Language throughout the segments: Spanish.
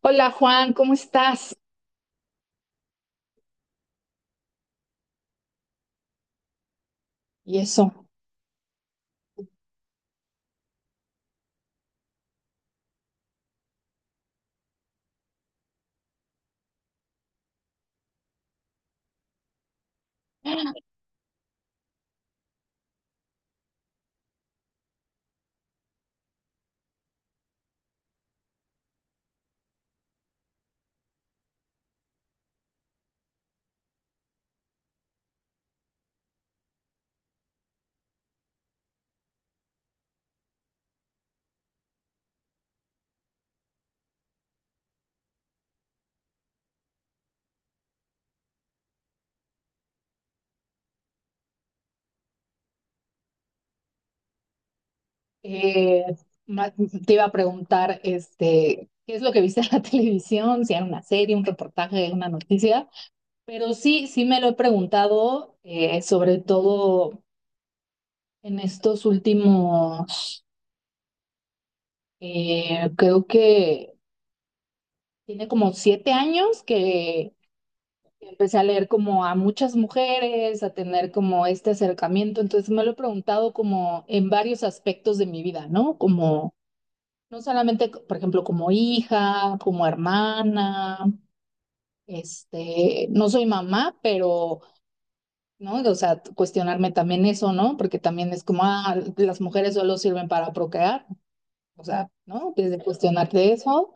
Hola Juan, ¿cómo estás? Y eso, eh, te iba a preguntar, ¿qué es lo que viste en la televisión? Si era una serie, un reportaje, una noticia. Pero sí, sí me lo he preguntado, sobre todo en estos últimos, creo que tiene como 7 años que empecé a leer como a muchas mujeres, a tener como este acercamiento. Entonces me lo he preguntado como en varios aspectos de mi vida, ¿no? Como No solamente, por ejemplo, como hija, como hermana, no soy mamá, pero, ¿no? O sea, cuestionarme también eso, ¿no? Porque también es como, ah, las mujeres solo sirven para procrear, o sea, ¿no? Desde cuestionarte eso,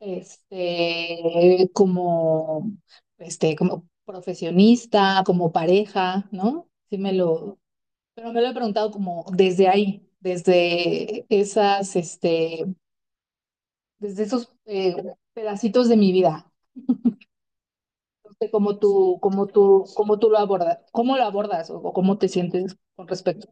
este, como, como profesionista, como pareja, ¿no? Sí me lo, pero me lo he preguntado como desde ahí, desde esas, este desde esos pedacitos de mi vida. No sé cómo tú, cómo tú lo abordas, cómo lo abordas o cómo te sientes con respecto.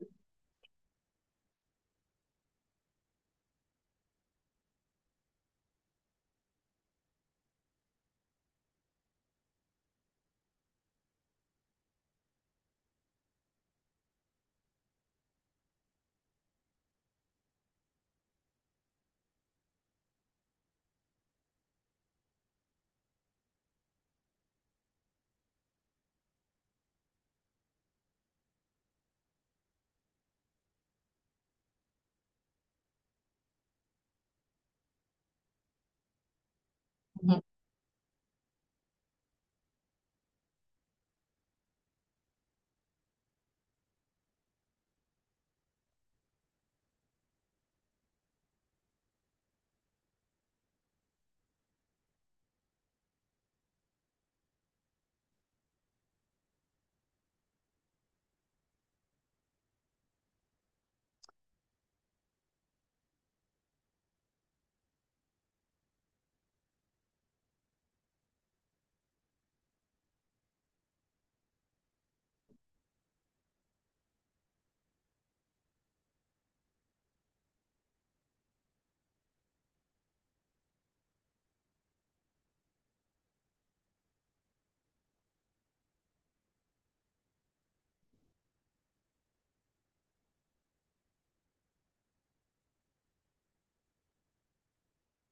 Ujú.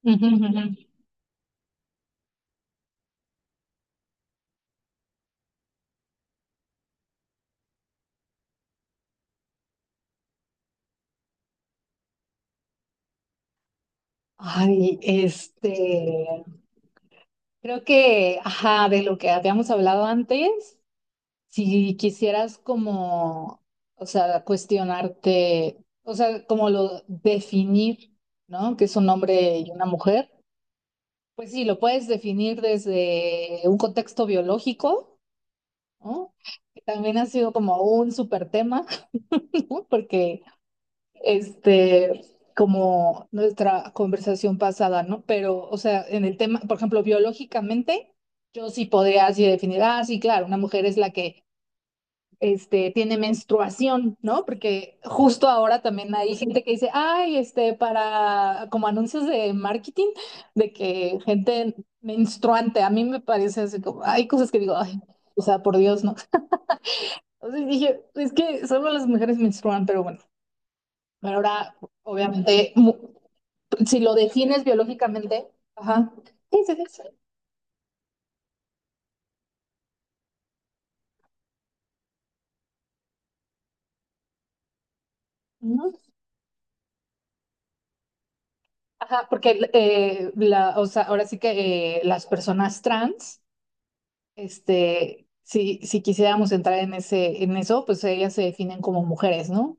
Ujú, ujú. Ay, creo que, ajá, de lo que habíamos hablado antes, si quisieras como, o sea, cuestionarte, o sea, como lo definir, ¿no? Que es un hombre y una mujer, pues sí, lo puedes definir desde un contexto biológico, ¿no? También ha sido como un súper tema, ¿no? Porque, este, como nuestra conversación pasada, ¿no? Pero, o sea, en el tema, por ejemplo, biológicamente, yo sí podría así definir, ah, sí, claro, una mujer es la que, tiene menstruación, ¿no? Porque justo ahora también hay gente que dice, ay, para, como anuncios de marketing, de que gente menstruante, a mí me parece así como, hay cosas que digo, ay, o sea, por Dios, ¿no? O sea, dije, es que solo las mujeres menstruan, pero bueno, pero ahora, obviamente, si lo defines biológicamente, ajá, sí, sí, sí, sí, ¿no? Ajá, porque la, o sea, ahora sí que las personas trans, si, si quisiéramos entrar en ese, en eso, pues ellas se definen como mujeres, ¿no?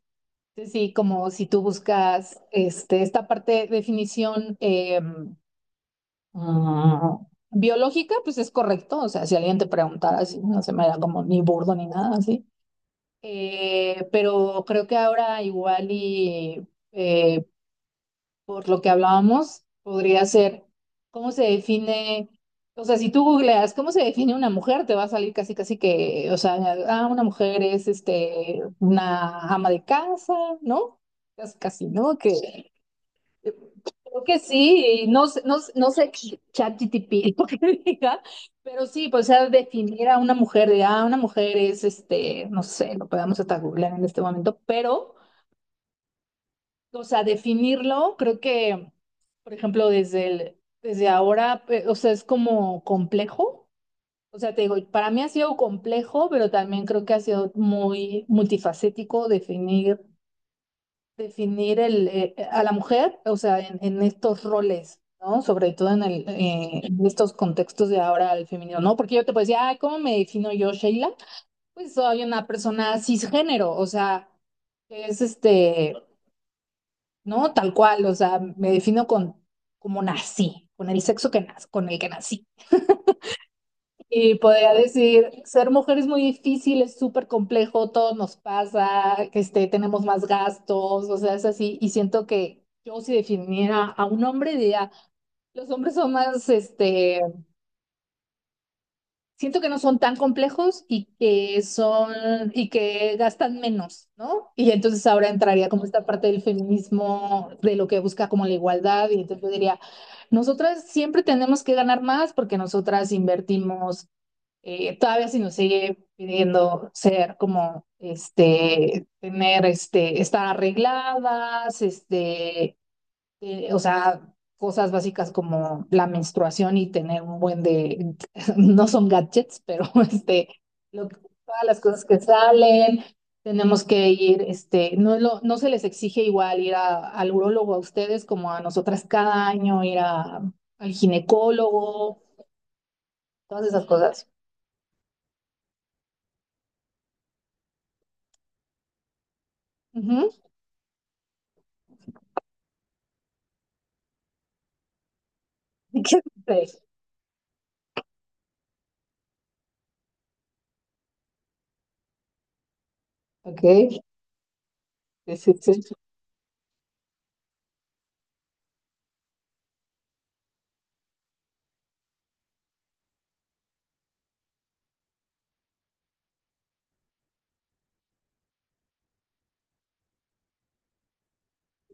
Entonces, sí, como si tú buscas esta parte de definición. Ah, Biológica, pues es correcto. O sea, si alguien te preguntara así, no se me da como ni burdo ni nada así. Pero creo que ahora igual y por lo que hablábamos, podría ser cómo se define, o sea, si tú googleas cómo se define una mujer, te va a salir casi casi que, o sea, ah, una mujer es una ama de casa, ¿no? Casi, casi, ¿no? Que Creo que sí, y no, no sé ChatGPT lo que diga, pero sí, pues sea, definir a una mujer, de, ah, una mujer es, no sé, lo podemos hasta googlear en este momento, pero, o sea, definirlo, creo que, por ejemplo, desde el, desde ahora, o sea, es como complejo, o sea, te digo, para mí ha sido complejo, pero también creo que ha sido muy multifacético definir definir a la mujer, o sea, en estos roles, ¿no? Sobre todo en estos contextos de ahora al femenino, ¿no? Porque yo te puedo decir, ay, ¿cómo me defino yo, Sheila? Pues soy una persona cisgénero, o sea, que es ¿no? Tal cual, o sea, me defino con como nací, con el sexo que con el que nací. Y podría decir, ser mujer es muy difícil, es súper complejo, todo nos pasa, que tenemos más gastos, o sea, es así. Y siento que yo si definiera a un hombre, diría, los hombres son más, siento que no son tan complejos y que son, y que gastan menos, ¿no? Y entonces ahora entraría como esta parte del feminismo, de lo que busca como la igualdad, y entonces yo diría, nosotras siempre tenemos que ganar más porque nosotras invertimos todavía se nos sigue pidiendo ser como, tener, estar arregladas, o sea, cosas básicas como la menstruación y tener un buen de, no son gadgets, pero este, lo, todas las cosas que salen, tenemos que ir, no, no se les exige igual ir al urólogo a ustedes como a nosotras cada año, ir al ginecólogo, todas esas cosas. ¿Qué es? Ok, sí, sí, sí.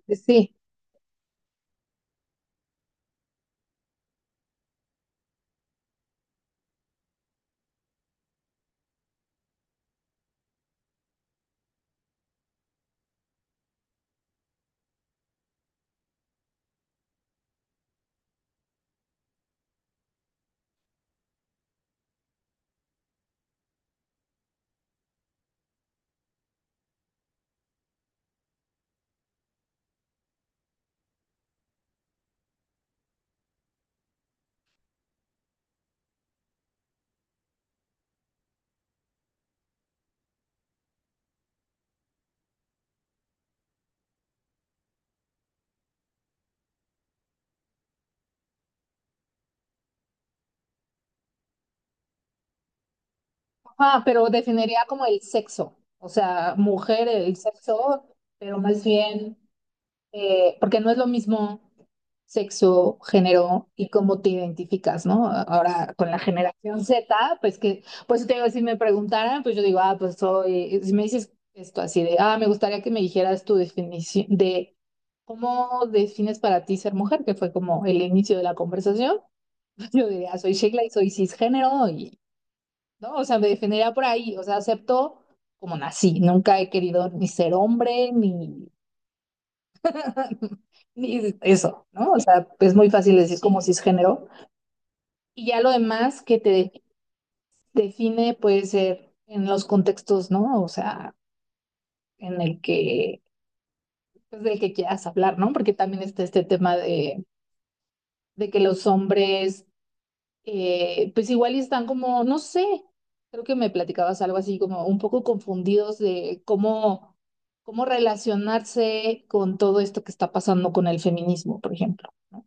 Sí. Sí. Ajá, pero definiría como el sexo, o sea, mujer, el sexo, pero más bien, porque no es lo mismo sexo, género y cómo te identificas, ¿no? Ahora con la generación Z, pues que, pues te digo, si me preguntaran, pues yo digo, ah, pues soy, si me dices esto así de, ah, me gustaría que me dijeras tu definición de cómo defines para ti ser mujer, que fue como el inicio de la conversación. Yo diría, soy Sheila y soy cisgénero y, ¿no? O sea, me definiría por ahí, o sea, acepto como nací, nunca he querido ni ser hombre, ni, ni eso, ¿no? O sea, es muy fácil decir como cisgénero. Y ya lo demás que define puede ser en los contextos, ¿no? O sea, en el que, pues del que quieras hablar, ¿no? Porque también está este tema de que los hombres pues igual y están como, no sé, creo que me platicabas algo así como un poco confundidos de cómo, cómo relacionarse con todo esto que está pasando con el feminismo, por ejemplo, ¿no?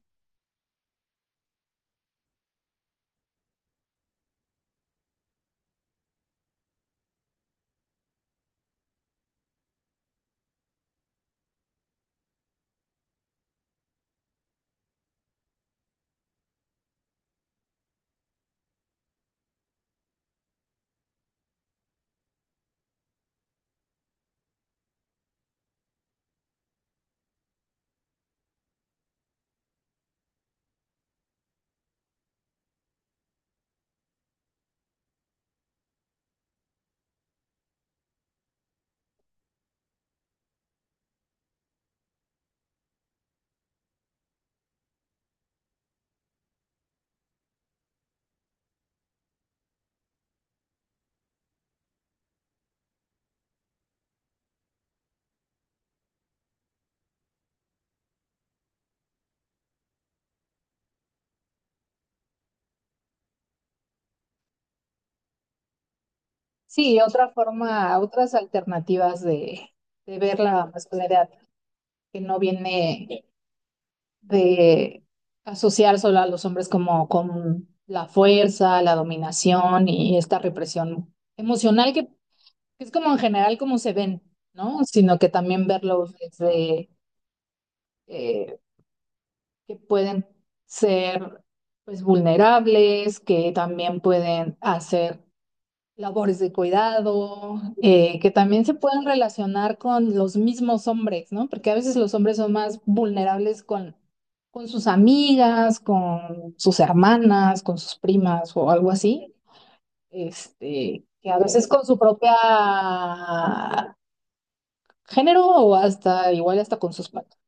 Sí, otra forma, otras alternativas de ver la masculinidad que no viene. De asociar solo a los hombres como con la fuerza, la dominación y esta represión emocional que es como en general como se ven, ¿no? Sino que también verlos desde eh, que pueden ser pues vulnerables, que también pueden hacer labores de cuidado, que también se pueden relacionar con los mismos hombres, ¿no? Porque a veces los hombres son más vulnerables con sus amigas, con sus hermanas, con sus primas o algo así, que a veces con su propia género o hasta igual hasta con sus padres.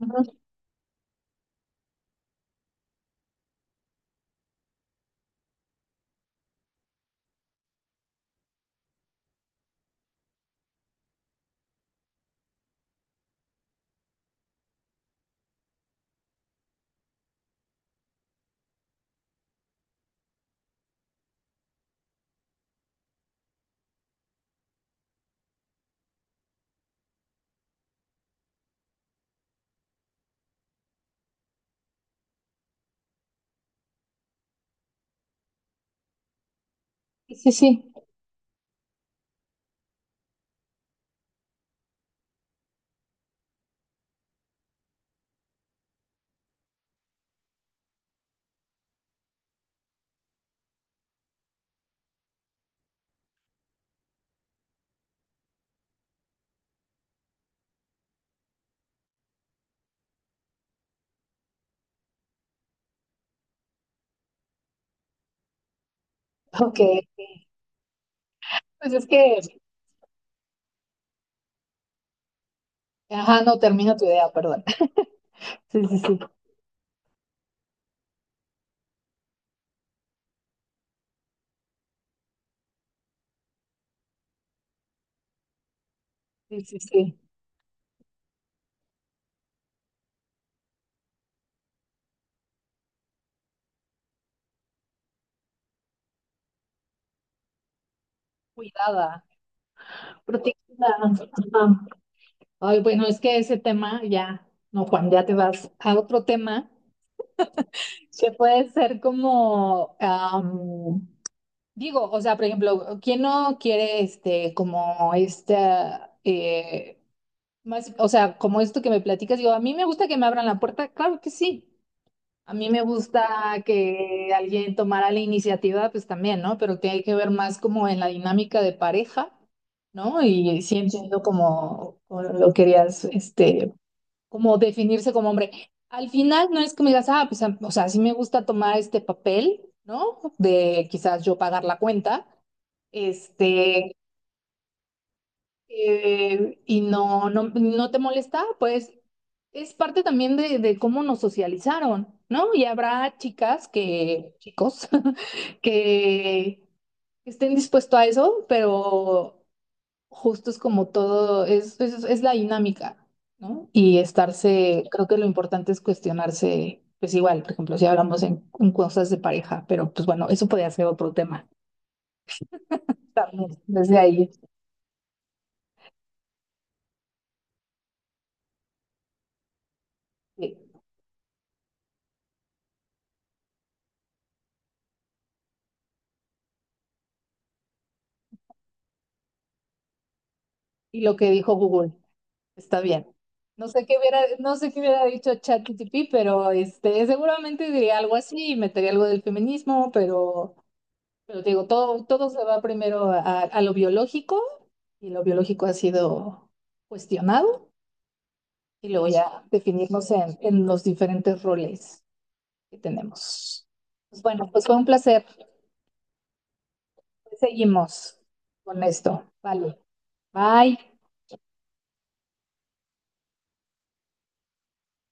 Ujú. Sí, sí, sí. Ok. Pues es que, ajá, no termino tu idea, perdón. Sí, sí, sí. Sí, sí, sí. Cuidada, protegida. Ajá. Ay, bueno, es que ese tema ya, no, Juan, ya te vas a otro tema que puede ser como, digo, o sea, por ejemplo, ¿quién no quiere como esta, más, o sea, como esto que me platicas? Digo, a mí me gusta que me abran la puerta, claro que sí. A mí me gusta que alguien tomara la iniciativa, pues también, ¿no? Pero tiene que ver más como en la dinámica de pareja, ¿no? Y sí entiendo como, como lo querías, como definirse como hombre. Al final no es que me digas, ah, pues, o sea, sí me gusta tomar este papel, ¿no? De quizás yo pagar la cuenta, este, y no, no, no te molesta, pues es parte también de cómo nos socializaron, ¿no? Y habrá chicas que, chicos, que estén dispuestos a eso, pero justo es como todo, es la dinámica, ¿no? Y estarse, creo que lo importante es cuestionarse, pues igual, por ejemplo, si hablamos en cosas de pareja, pero pues bueno, eso podría ser otro tema también, desde ahí. Sí. Y lo que dijo Google, está bien. No sé qué hubiera, no sé qué hubiera dicho ChatGPT, pero seguramente diría algo así, y metería algo del feminismo, pero, te digo, todo, todo se va primero a lo biológico, y lo biológico ha sido cuestionado y luego ya definirnos en los diferentes roles que tenemos. Pues bueno, pues fue un placer. Seguimos con esto. Vale. Bye.